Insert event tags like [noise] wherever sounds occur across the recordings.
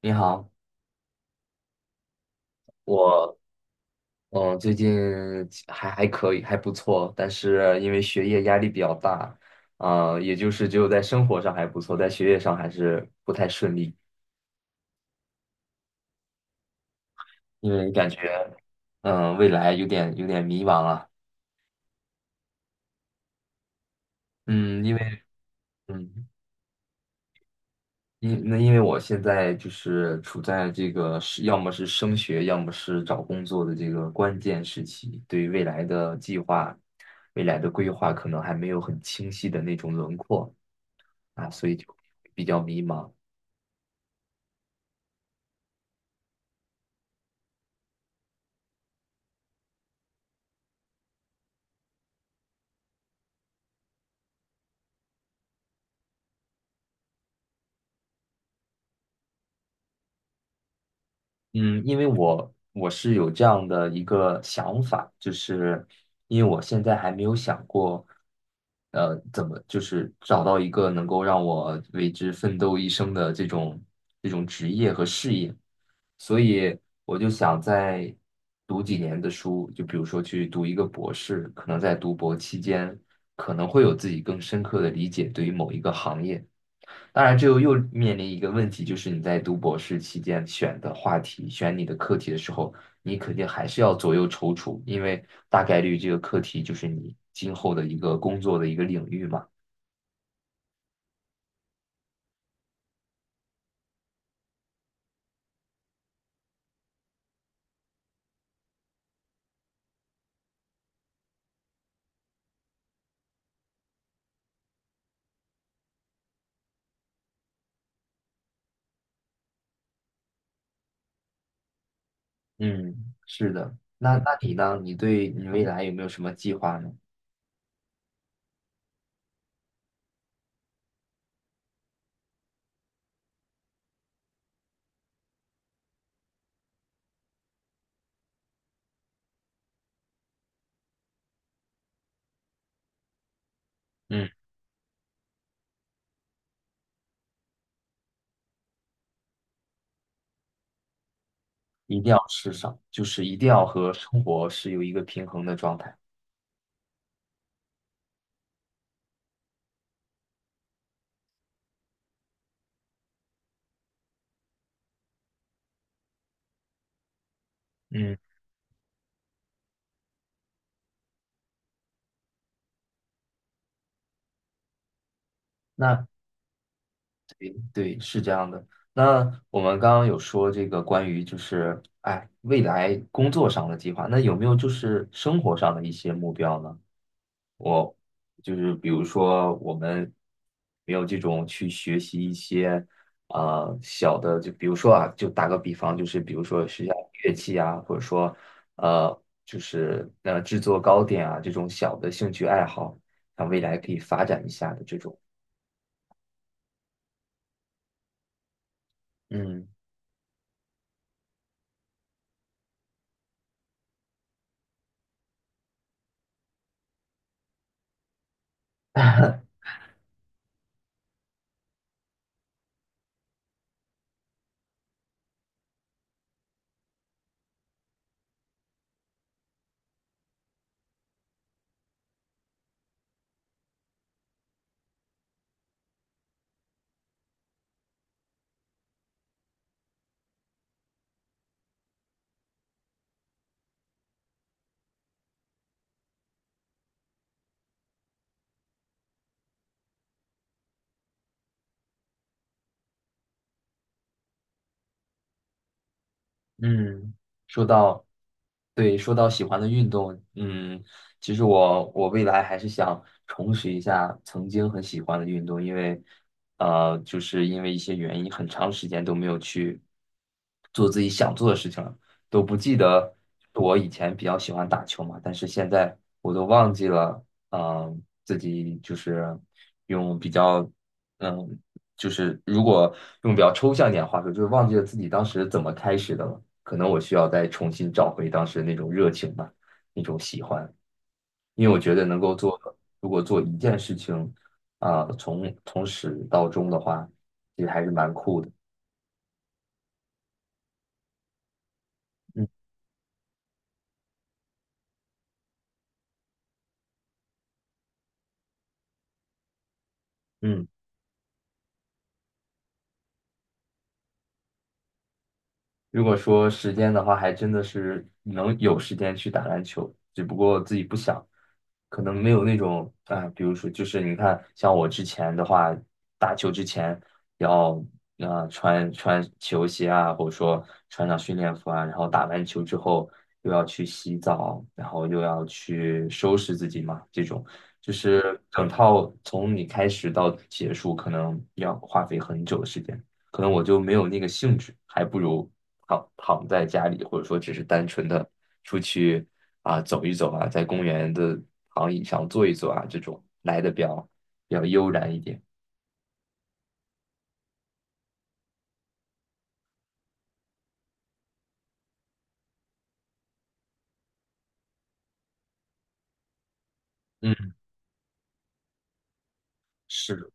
你好，我最近还可以，还不错，但是因为学业压力比较大，也就是只有在生活上还不错，在学业上还是不太顺利，因为感觉未来有点迷茫了，嗯，因为嗯。因为我现在就是处在这个是要么是升学，要么是找工作的这个关键时期，对于未来的计划、未来的规划可能还没有很清晰的那种轮廓所以就比较迷茫。嗯，因为我是有这样的一个想法，就是因为我现在还没有想过，怎么就是找到一个能够让我为之奋斗一生的这种职业和事业，所以我就想再读几年的书，就比如说去读一个博士，可能在读博期间可能会有自己更深刻的理解对于某一个行业。当然，这又面临一个问题，就是你在读博士期间选的话题、选你的课题的时候，你肯定还是要左右踌躇，因为大概率这个课题就是你今后的一个工作的一个领域嘛。嗯，是的。那那你呢？你对你未来有没有什么计划呢？嗯，一定要吃上，就是一定要和生活是有一个平衡的状态。嗯，那对，是这样的。那我们刚刚有说这个关于就是哎未来工作上的计划，那有没有就是生活上的一些目标呢？我就是比如说我们没有这种去学习一些小的，就比如说啊，就打个比方，就是比如说学下乐器啊，或者说制作糕点啊这种小的兴趣爱好，那未来可以发展一下的这种，嗯。[laughs] 嗯，说到，对，说到喜欢的运动，嗯，其实我未来还是想重拾一下曾经很喜欢的运动，因为，就是因为一些原因，很长时间都没有去做自己想做的事情了，都不记得我以前比较喜欢打球嘛，但是现在我都忘记了，自己就是用比较。嗯，就是如果用比较抽象一点的话说，就是忘记了自己当时怎么开始的了。可能我需要再重新找回当时那种热情吧，那种喜欢。因为我觉得能够做，如果做一件事情从始到终的话，其实还是蛮酷的。嗯嗯。如果说时间的话，还真的是能有时间去打篮球，只不过自己不想，可能没有那种比如说就是你看，像我之前的话，打球之前要穿球鞋啊，或者说穿上训练服啊，然后打完球之后又要去洗澡，然后又要去收拾自己嘛，这种就是整套从你开始到结束，可能要花费很久的时间。可能我就没有那个兴致，还不如躺在家里，或者说只是单纯的出去走一走啊，在公园的躺椅上坐一坐啊，这种来的比较悠然一点。嗯。是，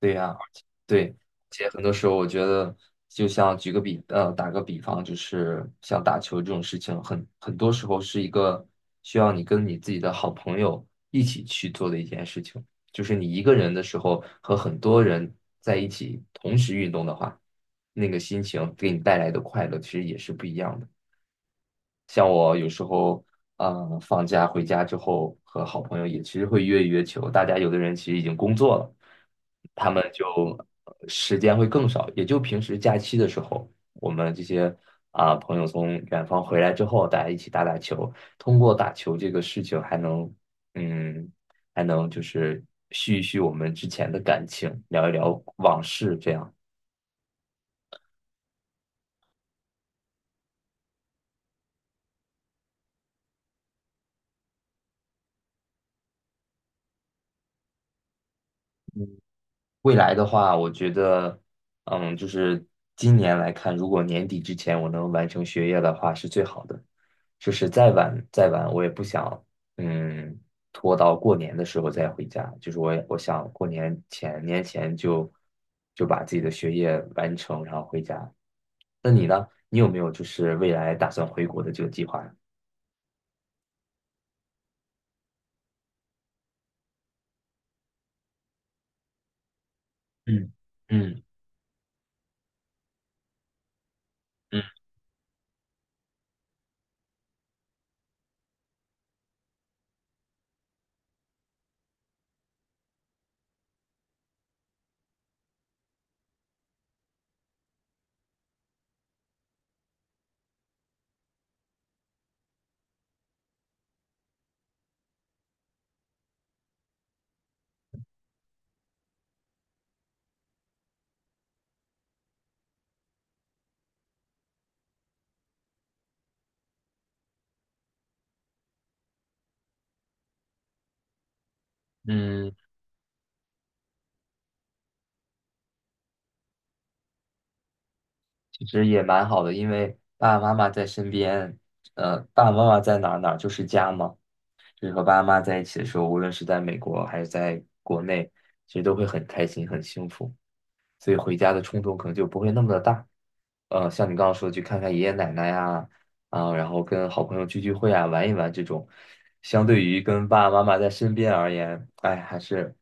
对呀，而且对，而且很多时候我觉得，就像举个比，呃，打个比方，就是像打球这种事情，很多时候是一个需要你跟你自己的好朋友一起去做的一件事情。就是你一个人的时候和很多人在一起同时运动的话，那个心情给你带来的快乐其实也是不一样的。像我有时候，嗯，放假回家之后，和好朋友也其实会约一约球。大家有的人其实已经工作了，他们就时间会更少，也就平时假期的时候，我们这些朋友从远方回来之后，大家一起打打球。通过打球这个事情，还能，嗯，还能就是续一续我们之前的感情，聊一聊往事，这样。未来的话，我觉得，嗯，就是今年来看，如果年底之前我能完成学业的话，是最好的。就是再晚，我也不想，嗯，拖到过年的时候再回家。就是我也我想过年前就就把自己的学业完成，然后回家。那你呢？你有没有就是未来打算回国的这个计划呀嗯嗯嗯嗯，其实也蛮好的，因为爸爸妈妈在身边，爸爸妈妈在哪儿就是家嘛。就是和爸爸妈妈在一起的时候，无论是在美国还是在国内，其实都会很开心、很幸福。所以回家的冲动可能就不会那么的大。像你刚刚说的去看看爷爷奶奶呀，啊，然后跟好朋友聚聚会啊，玩一玩这种，相对于跟爸爸妈妈在身边而言，哎，还是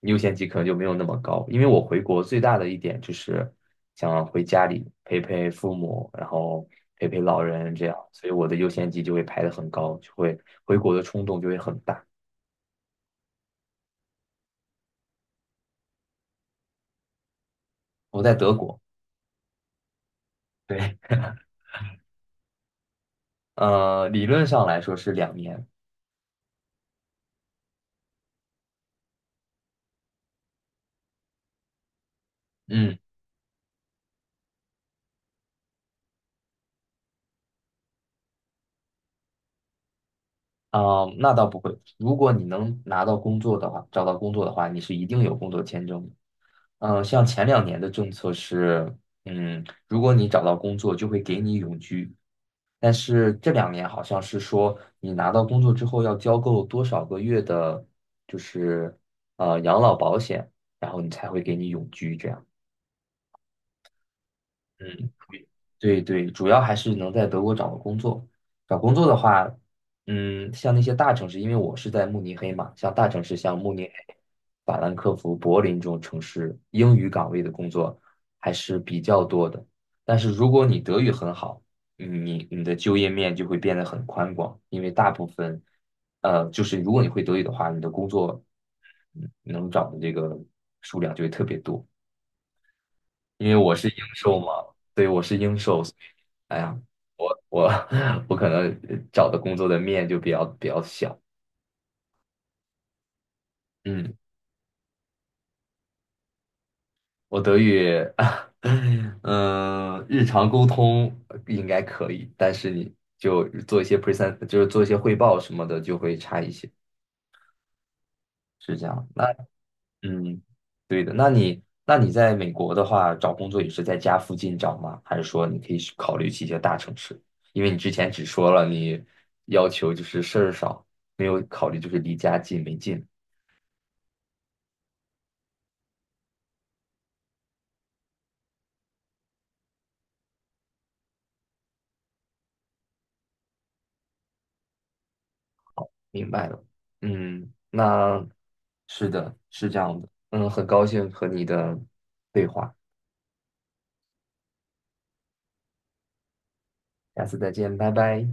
优先级可能就没有那么高。因为我回国最大的一点就是想回家里陪陪父母，然后陪陪老人这样，所以我的优先级就会排的很高，就会回国的冲动就会很大。我在德国，对，理论上来说是两年，嗯。啊、那倒不会。如果你能拿到工作的话，找到工作的话，你是一定有工作签证的。像前两年的政策是，嗯，如果你找到工作，就会给你永居。但是这两年好像是说，你拿到工作之后要交够多少个月的，就是养老保险，然后你才会给你永居这样。嗯，对对，主要还是能在德国找到工作。找工作的话，嗯，像那些大城市，因为我是在慕尼黑嘛，像大城市，像慕尼黑、法兰克福、柏林这种城市，英语岗位的工作还是比较多的。但是如果你德语很好，你的就业面就会变得很宽广，因为大部分，就是如果你会德语的话，你的工作能找的这个数量就会特别多。因为我是英寿嘛，对，我是英寿，所以哎呀，我 [laughs] 我可能找的工作的面就比较小。嗯，我德语，[laughs] 嗯日常沟通应该可以，但是你就做一些 present，就是做一些汇报什么的，就会差一些，是这样。那嗯，对的。那你在美国的话，找工作也是在家附近找吗？还是说你可以去考虑去一些大城市？因为你之前只说了你要求就是事儿少，没有考虑就是离家近没近。明白了。嗯，那是的，是这样的。嗯，很高兴和你的对话，下次再见，拜拜。